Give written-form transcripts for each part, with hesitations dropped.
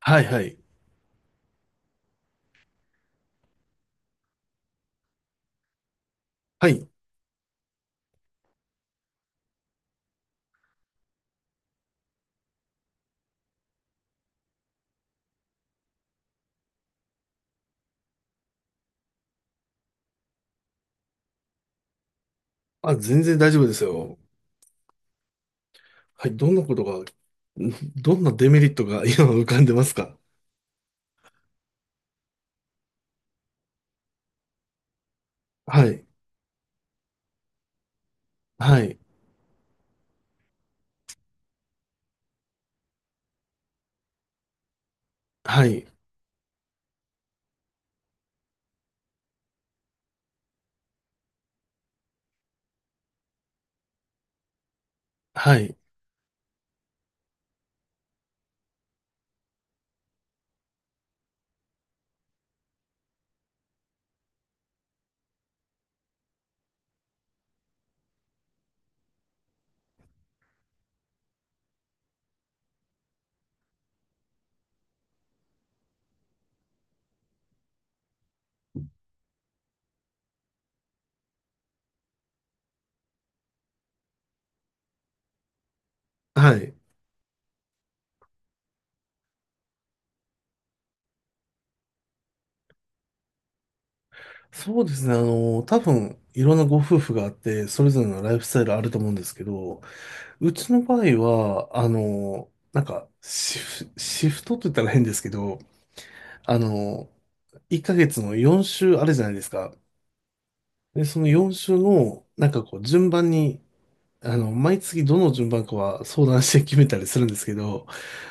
はいはい。はい。あ、全然大丈夫ですよ。はい。どんなデメリットが今浮かんでますか？はい。はい。はい。はい。はい。そうですね。多分、いろんなご夫婦があって、それぞれのライフスタイルあると思うんですけど、うちの場合は、なんか、シフトって言ったら変ですけど、あの、1ヶ月の4週あるじゃないですか。で、その4週の、なんかこう、順番に、毎月どの順番かは相談して決めたりするんですけど、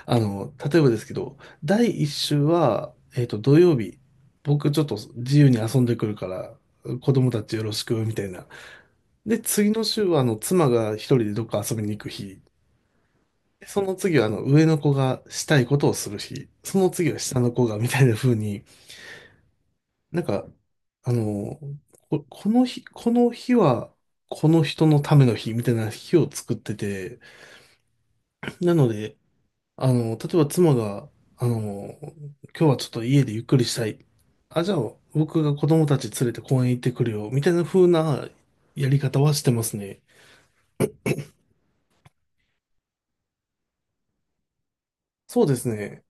例えばですけど、第1週は、土曜日、僕ちょっと自由に遊んでくるから、子供たちよろしく、みたいな。で、次の週は、妻が一人でどっか遊びに行く日。その次は、上の子がしたいことをする日。その次は下の子が、みたいな風に、なんか、あの、この日は、この人のための日、みたいな日を作ってて、なので、例えば妻が、今日はちょっと家でゆっくりしたい。あ、じゃあ僕が子供たち連れて公園行ってくるよ。みたいな風なやり方はしてますね。そうですね。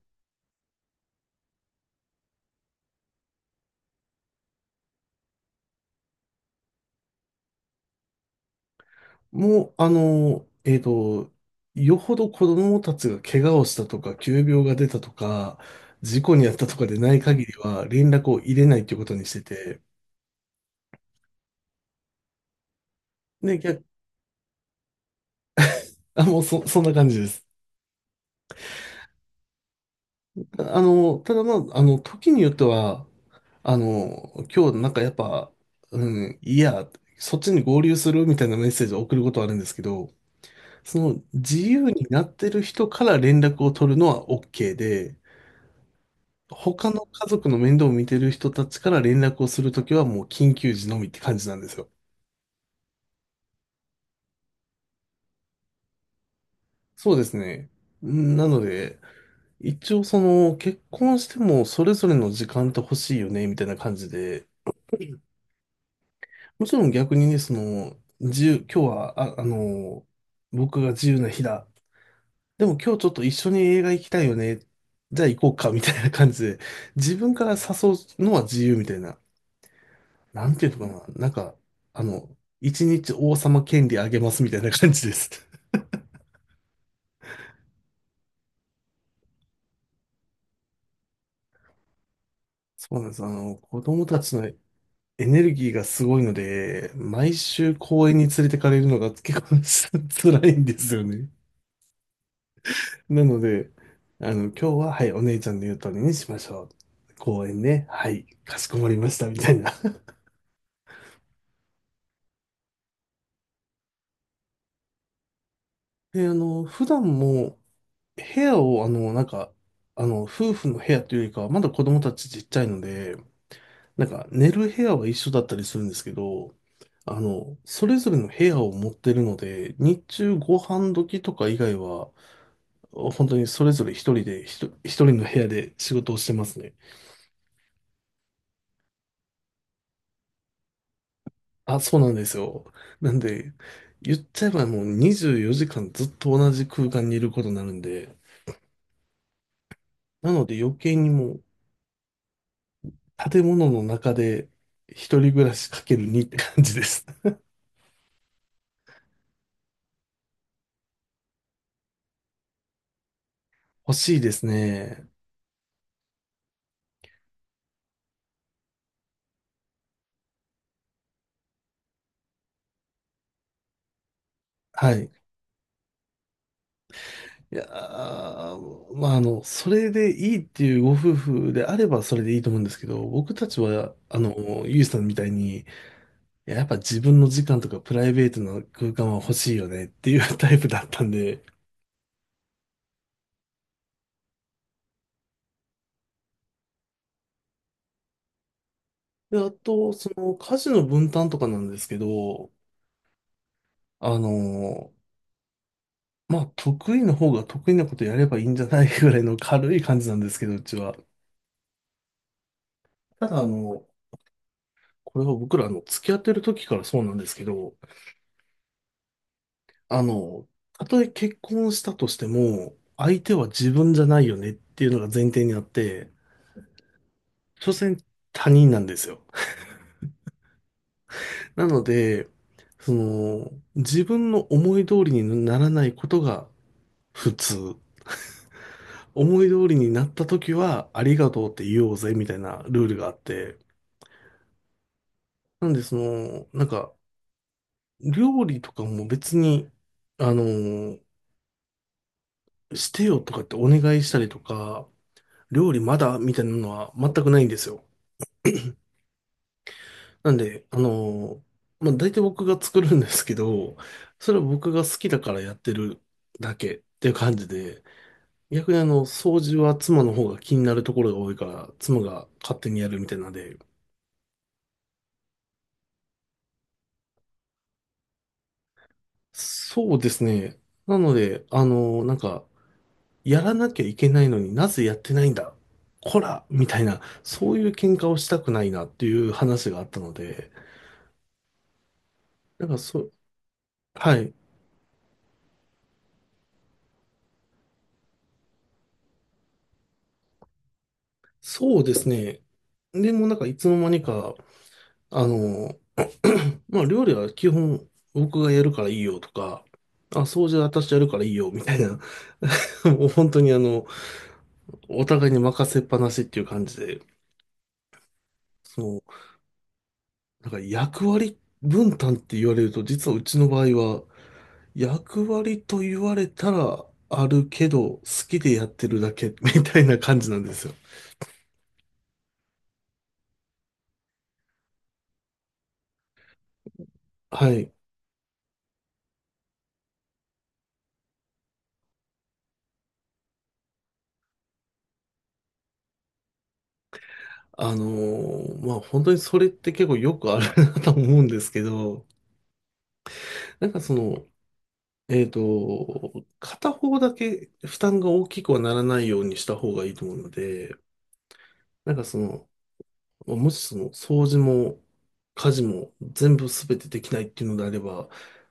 もう、よほど子供たちが怪我をしたとか、急病が出たとか、事故に遭ったとかでない限りは連絡を入れないということにしてて。で、逆、あ、もうそんな感じです。ただまあ、時によっては、今日なんかやっぱ、うん、いや、そっちに合流するみたいなメッセージを送ることはあるんですけど、その自由になってる人から連絡を取るのは OK で、他の家族の面倒を見てる人たちから連絡をするときはもう緊急時のみって感じなんですよ。そうですね。なので、一応その結婚してもそれぞれの時間って欲しいよねみたいな感じで、もちろん逆にね、その、今日は、僕が自由な日だ。でも今日ちょっと一緒に映画行きたいよね。じゃあ行こうか、みたいな感じで、自分から誘うのは自由みたいな。なんていうのかな。なんか、あの、一日王様権利あげますみたいな感じです。そうなんです。子供たちのエネルギーがすごいので、毎週公園に連れてかれるのが結構 辛いんですよね。なので、今日は、はい、お姉ちゃんの言う通りにしましょう。公園ね。はい、かしこまりました、みたいな。で、普段も、部屋を、あの、なんか、あの、夫婦の部屋というよりかは、まだ子供たちちっちゃいので、なんか、寝る部屋は一緒だったりするんですけど、それぞれの部屋を持ってるので、日中ご飯時とか以外は、本当にそれぞれ一人で、一人の部屋で仕事をしてますね。あ、そうなんですよ。なんで、言っちゃえばもう24時間ずっと同じ空間にいることになるんで、なので余計にもう建物の中で一人暮らしかける2って感じです。欲しいですね。はい。いやー、まあ、それでいいっていうご夫婦であればそれでいいと思うんですけど、僕たちは、ゆいさんみたいに、いややっぱ自分の時間とかプライベートな空間は欲しいよねっていうタイプだったんで、で、あと、その家事の分担とかなんですけど、あの、まあ、得意の方が得意なことやればいいんじゃないぐらいの軽い感じなんですけど、うちは。ただ、これは僕ら、付き合ってる時からそうなんですけど、あの、たとえ結婚したとしても、相手は自分じゃないよねっていうのが前提にあって、所詮他人なんですよ。なので、その、自分の思い通りにならないことが普通。思い通りになった時は、ありがとうって言おうぜ、みたいなルールがあって。なんで、その、なんか、料理とかも別に、あの、してよとかってお願いしたりとか、料理まだみたいなのは全くないんですよ。なんで、まあ、大体僕が作るんですけど、それは僕が好きだからやってるだけっていう感じで、逆に掃除は妻の方が気になるところが多いから、妻が勝手にやるみたいなので、そうですね。なので、やらなきゃいけないのになぜやってないんだこらみたいな、そういう喧嘩をしたくないなっていう話があったので、なんかそう、はい。そうですね。でもなんかいつの間にか、あの、まあ料理は基本僕がやるからいいよとか、あ、掃除は私やるからいいよみたいな、もう本当にお互いに任せっぱなしっていう感じで、そのなんか役割分担って言われると、実はうちの場合は、役割と言われたらあるけど、好きでやってるだけ みたいな感じなんですよ。はい。まあ本当にそれって結構よくあるなと思うんですけど、なんかその、片方だけ負担が大きくはならないようにした方がいいと思うので、なんかその、もうもしその掃除も家事も全部すべてできないっていうのであれば、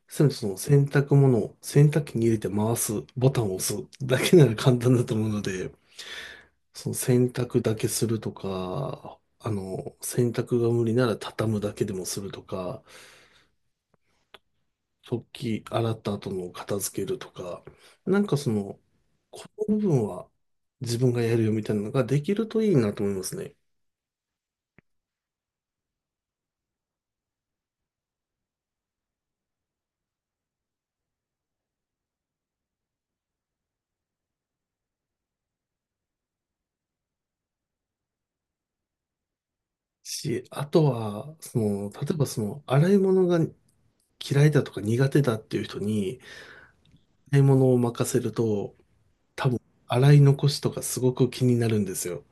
せめてその洗濯物を洗濯機に入れて回す、ボタンを押すだけなら簡単だと思うので、その洗濯だけするとか、洗濯が無理なら畳むだけでもするとか、食器洗った後の片付けるとか、なんかその、この部分は自分がやるよみたいなのができるといいなと思いますね。あとは、その、例えばその、洗い物が嫌いだとか苦手だっていう人に買い物を任せると多分洗い残しとかすごく気になるんですよ。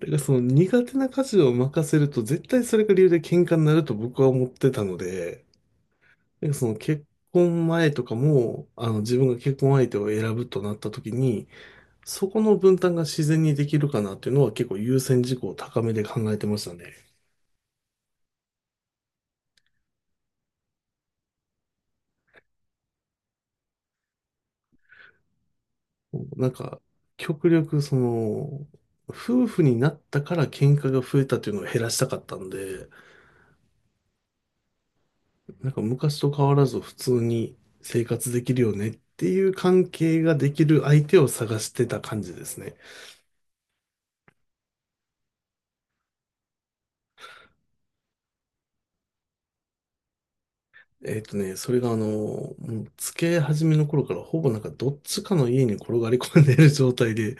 だからその苦手な家事を任せると絶対それが理由で喧嘩になると僕は思ってたので、なんかその結婚前とかも自分が結婚相手を選ぶとなった時にそこの分担が自然にできるかなっていうのは結構優先事項を高めで考えてましたね。なんか、極力、その、夫婦になったから喧嘩が増えたっていうのを減らしたかったんで、なんか昔と変わらず普通に生活できるよねっていう関係ができる相手を探してた感じですね。それがもう付き合い始めの頃からほぼなんかどっちかの家に転がり込んでいる状態で、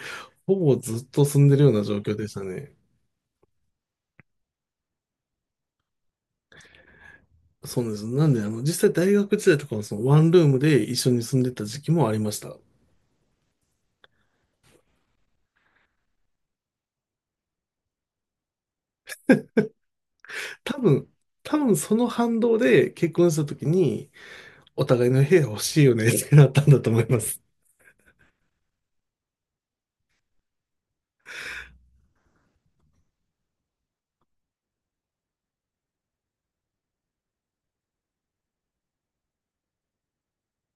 ほぼずっと住んでるような状況でしたね。そうなんです。なんで、実際大学時代とかはそのワンルームで一緒に住んでた時期もありました。多分、多分その反動で結婚した時に、お互いの部屋欲しいよねってなったんだと思います。